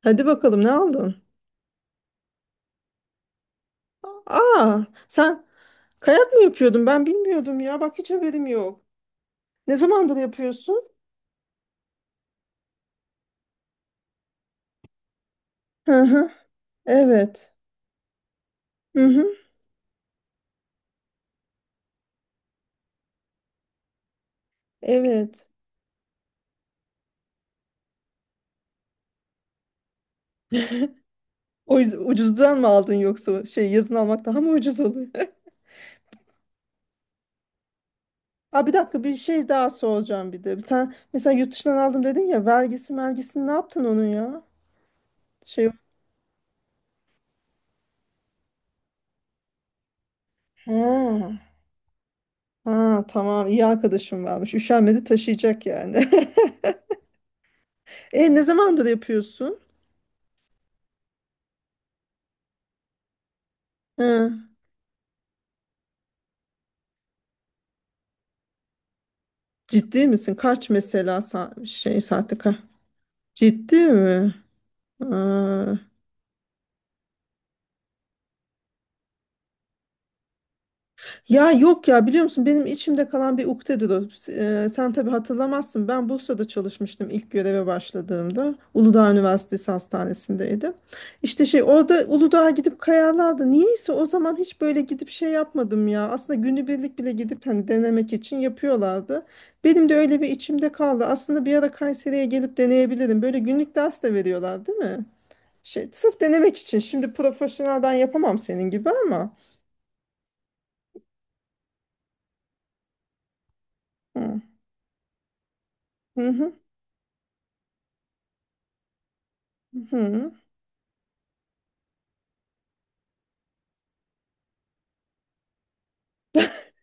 Hadi bakalım, ne aldın? Aa, sen kayak mı yapıyordun? Ben bilmiyordum ya. Bak, hiç haberim yok. Ne zamandır yapıyorsun? Hı hı. Evet. Hı hı. Evet. O yüzden ucuzdan mı aldın, yoksa şey, yazın almak daha mı ucuz oluyor? Aa, bir dakika, bir şey daha soracağım bir de. Sen mesela yurt dışından aldım dedin ya, vergisi vergisini ne yaptın onun ya? Şey, ha, ha tamam, iyi arkadaşım varmış. Üşenmedi taşıyacak yani. E, ne zamandır yapıyorsun? Hı. Ciddi misin? Kaç mesela şey, saatlik ha? Ciddi mi? Aa. Ya yok ya, biliyor musun, benim içimde kalan bir ukdedir o. Sen tabii hatırlamazsın. Ben Bursa'da çalışmıştım ilk göreve başladığımda. Uludağ Üniversitesi Hastanesi'ndeydim. İşte şey, orada Uludağ'a gidip kayalardı. Niyeyse o zaman hiç böyle gidip şey yapmadım ya. Aslında günübirlik bile gidip hani denemek için yapıyorlardı. Benim de öyle bir içimde kaldı. Aslında bir ara Kayseri'ye gelip deneyebilirim. Böyle günlük ders de veriyorlar, değil mi? Şey, sırf denemek için. Şimdi profesyonel ben yapamam senin gibi ama. Hı. Hı hı. Hı.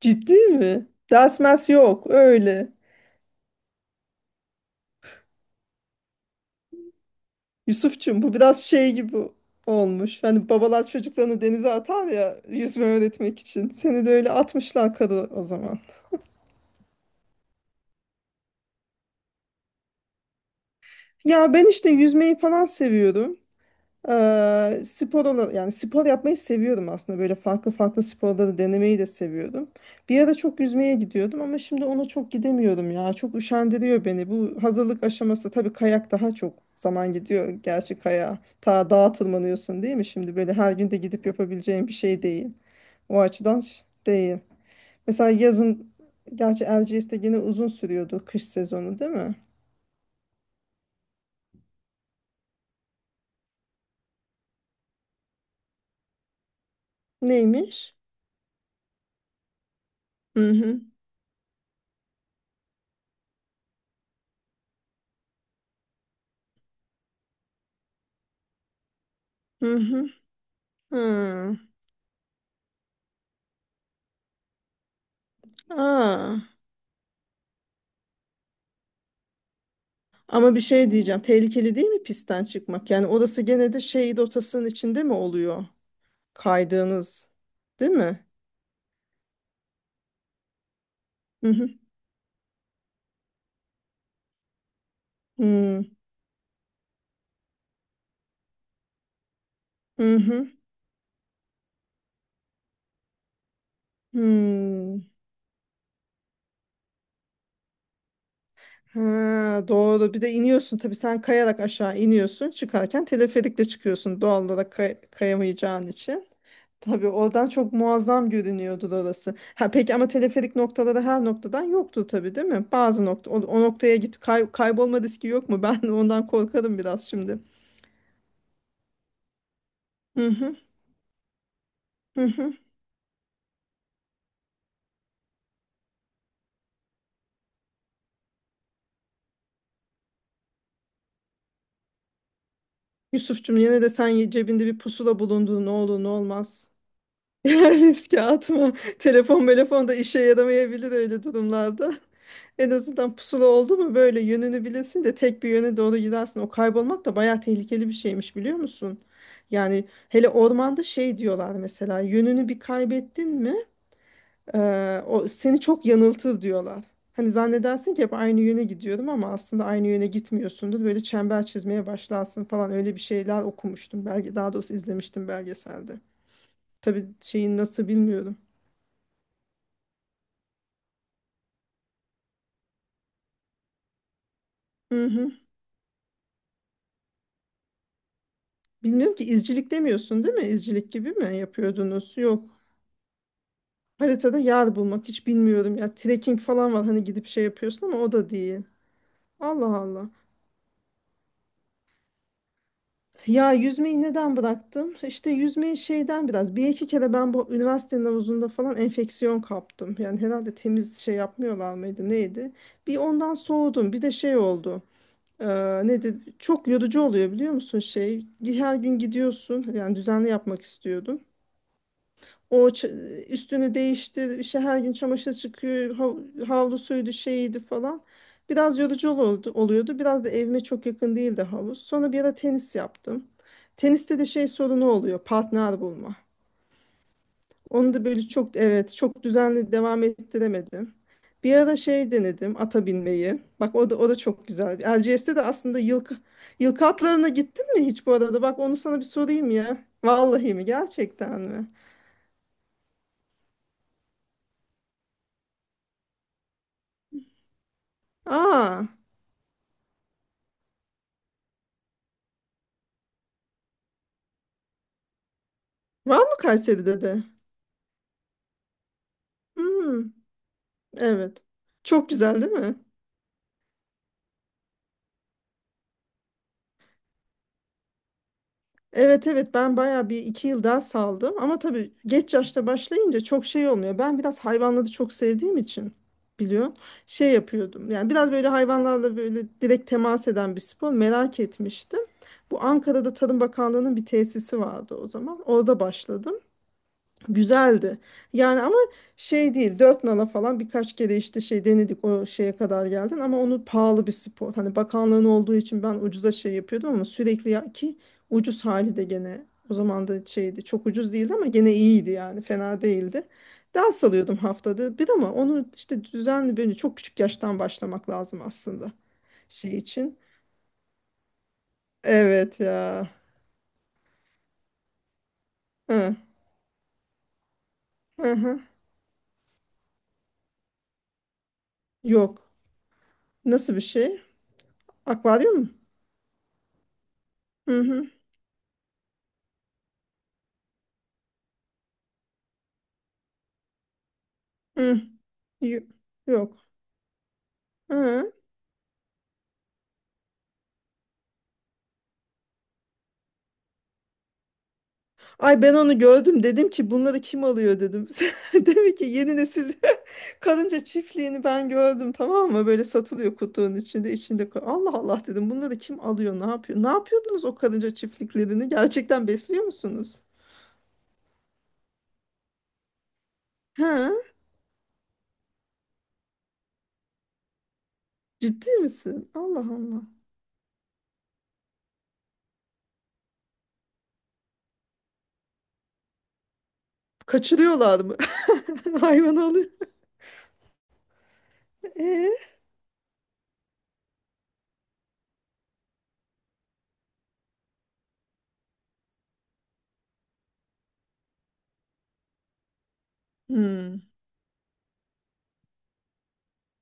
Ciddi mi? Ders mers yok öyle. Yusufçum, bu biraz şey gibi olmuş. Hani babalar çocuklarını denize atar ya yüzme öğretmek için. Seni de öyle atmışlar karı o zaman. Ya ben işte yüzmeyi falan seviyorum. Spor olan, yani spor yapmayı seviyorum aslında, böyle farklı farklı sporları denemeyi de seviyorum. Bir ara çok yüzmeye gidiyordum ama şimdi ona çok gidemiyorum ya. Çok üşendiriyor beni. Bu hazırlık aşaması tabii, kayak daha çok zaman gidiyor. Gerçi kayağa ta dağa tırmanıyorsun değil mi? Şimdi böyle her gün de gidip yapabileceğin bir şey değil. O açıdan değil. Mesela yazın, gerçi Erciyes'te yine uzun sürüyordu kış sezonu değil mi? Neymiş? Hı hı. Hı hı. Hı. Aa. Ama bir şey diyeceğim. Tehlikeli değil mi pistten çıkmak? Yani orası gene de şehit otasının içinde mi oluyor? Kaydığınız, değil mi? Hı hı. Hı hı. Hı. Hı. Ha, doğru. Bir de iniyorsun tabii, sen kayarak aşağı iniyorsun. Çıkarken teleferikle çıkıyorsun doğal olarak, kayamayacağın için. Tabii oradan çok muazzam görünüyordu orası. Ha peki, ama teleferik noktaları her noktadan yoktu tabii değil mi? Bazı nokta, o, o noktaya git, kaybolma riski yok mu? Ben ondan korkarım biraz şimdi. Hı hı, hı hı. Yusuf'cum, yine de sen cebinde bir pusula bulundu ne olur ne olmaz. Yani riske atma. Telefon da işe yaramayabilir öyle durumlarda. En azından pusula oldu mu böyle yönünü bilirsin de tek bir yöne doğru gidersin. O kaybolmak da bayağı tehlikeli bir şeymiş, biliyor musun? Yani hele ormanda şey diyorlar, mesela yönünü bir kaybettin mi? O seni çok yanıltır diyorlar. Hani zannedersin ki hep aynı yöne gidiyorum ama aslında aynı yöne gitmiyorsundur. Böyle çember çizmeye başlarsın falan, öyle bir şeyler okumuştum. Belge, daha doğrusu izlemiştim belgeselde. Tabii şeyin nasıl bilmiyorum. Hı hı. Bilmiyorum ki, izcilik demiyorsun değil mi? İzcilik gibi mi yapıyordunuz? Yok. Haritada yer bulmak, hiç bilmiyorum ya. Trekking falan var hani, gidip şey yapıyorsun ama o da değil. Allah Allah. Ya yüzmeyi neden bıraktım? İşte yüzmeyi şeyden biraz, bir iki kere ben bu üniversitenin havuzunda falan enfeksiyon kaptım. Yani herhalde temiz şey yapmıyorlar mıydı neydi? Bir ondan soğudum. Bir de şey oldu. Ee, Nedir? Çok yorucu oluyor biliyor musun şey? Her gün gidiyorsun. Yani düzenli yapmak istiyordum. O üstünü değişti, işte her gün çamaşır çıkıyor, havlusuydu, şeyiydi falan. Biraz yorucu olurdu, oluyordu. Biraz da evime çok yakın değildi havuz. Sonra bir ara tenis yaptım. Teniste de şey sorunu oluyor, partner bulma. Onu da böyle çok, evet, çok düzenli devam ettiremedim. Bir ara şey, denedim ata binmeyi. Bak o da, o da çok güzel. Erciyes'te de aslında yılkı, yılkı atlarına gittin mi hiç bu arada? Bak onu sana bir sorayım ya. Vallahi mi, gerçekten mi? Aa. Var mı Kayseri'de de? Hmm, evet. Çok güzel değil mi? Evet evet, ben bayağı bir iki yıl daha saldım. Ama tabii geç yaşta başlayınca çok şey olmuyor. Ben biraz hayvanları çok sevdiğim için biliyorsun şey yapıyordum. Yani biraz böyle hayvanlarla böyle direkt temas eden bir spor merak etmiştim. Bu Ankara'da Tarım Bakanlığı'nın bir tesisi vardı o zaman. Orada başladım. Güzeldi. Yani ama şey değil, dört nala falan birkaç kere işte şey denedik, o şeye kadar geldin ama onu, pahalı bir spor. Hani bakanlığın olduğu için ben ucuza şey yapıyordum ama sürekli ya ki, ucuz hali de gene o zaman da şeydi, çok ucuz değildi ama gene iyiydi yani, fena değildi. Ders alıyordum haftada bir, ama onu işte düzenli böyle çok küçük yaştan başlamak lazım aslında şey için. Evet ya. Hı, hı hı. Yok. Nasıl bir şey? Akvaryum mu? Hı hı. Hı. y- Yok. Hı. Ay, ben onu gördüm. Dedim ki bunları kim alıyor, dedim. Demek ki yeni nesil. Karınca çiftliğini ben gördüm, tamam mı? Böyle satılıyor kutunun içinde. Allah Allah dedim, bunları kim alıyor, ne yapıyor? Ne yapıyordunuz o karınca çiftliklerini? Gerçekten besliyor musunuz? Ha? Ciddi misin? Allah Allah. Kaçırıyorlar mı? Hayvan alıyor. E? Hmm.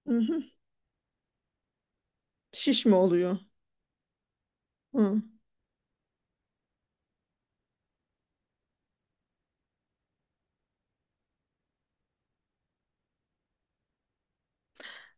Mhm. Şiş mi oluyor? Hı.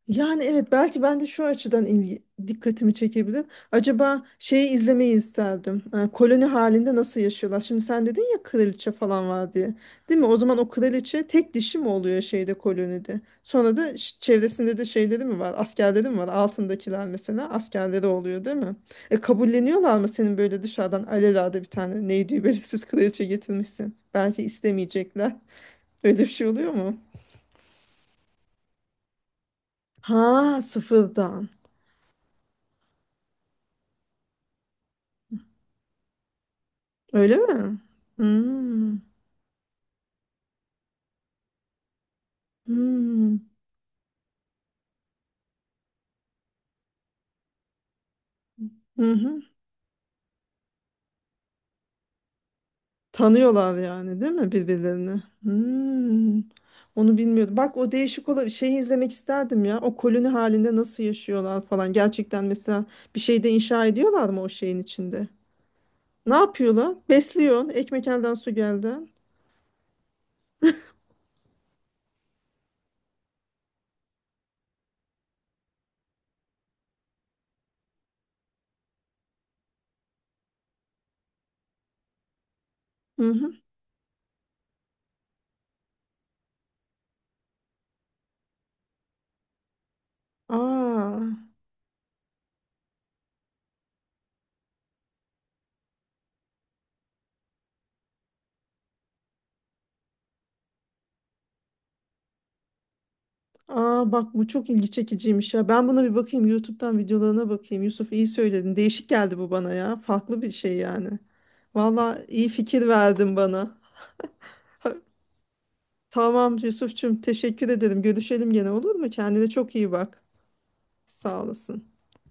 Yani evet, belki ben de şu açıdan ilgi, dikkatimi çekebilir. Acaba şeyi izlemeyi isterdim. Koloni halinde nasıl yaşıyorlar? Şimdi sen dedin ya kraliçe falan var diye. Değil mi? O zaman o kraliçe tek dişi mi oluyor şeyde, kolonide? Sonra da çevresinde de şeyleri mi var? Askerleri mi var? Altındakiler mesela askerleri oluyor değil mi? E kabulleniyorlar mı, senin böyle dışarıdan alelade bir tane neydi belirsiz kraliçe getirmişsin? Belki istemeyecekler. Öyle bir şey oluyor mu? Ha, sıfırdan. Öyle mi? Hmm. Hmm. Hı hı. Tanıyorlar yani değil mi birbirlerini? Hmm. Onu bilmiyordum. Bak o değişik olan şeyi izlemek isterdim ya. O koloni halinde nasıl yaşıyorlar falan. Gerçekten mesela bir şeyde inşa ediyorlar mı o şeyin içinde? Ne yapıyorlar? Besliyor. Ekmek elden su geldi. Hı hı. Aa. Aa bak, bu çok ilgi çekiciymiş ya. Ben buna bir bakayım. YouTube'dan videolarına bakayım. Yusuf, iyi söyledin. Değişik geldi bu bana ya. Farklı bir şey yani. Valla iyi fikir verdin bana. Tamam Yusuf'cum, teşekkür ederim. Görüşelim gene, olur mu? Kendine çok iyi bak. Sağ olasın.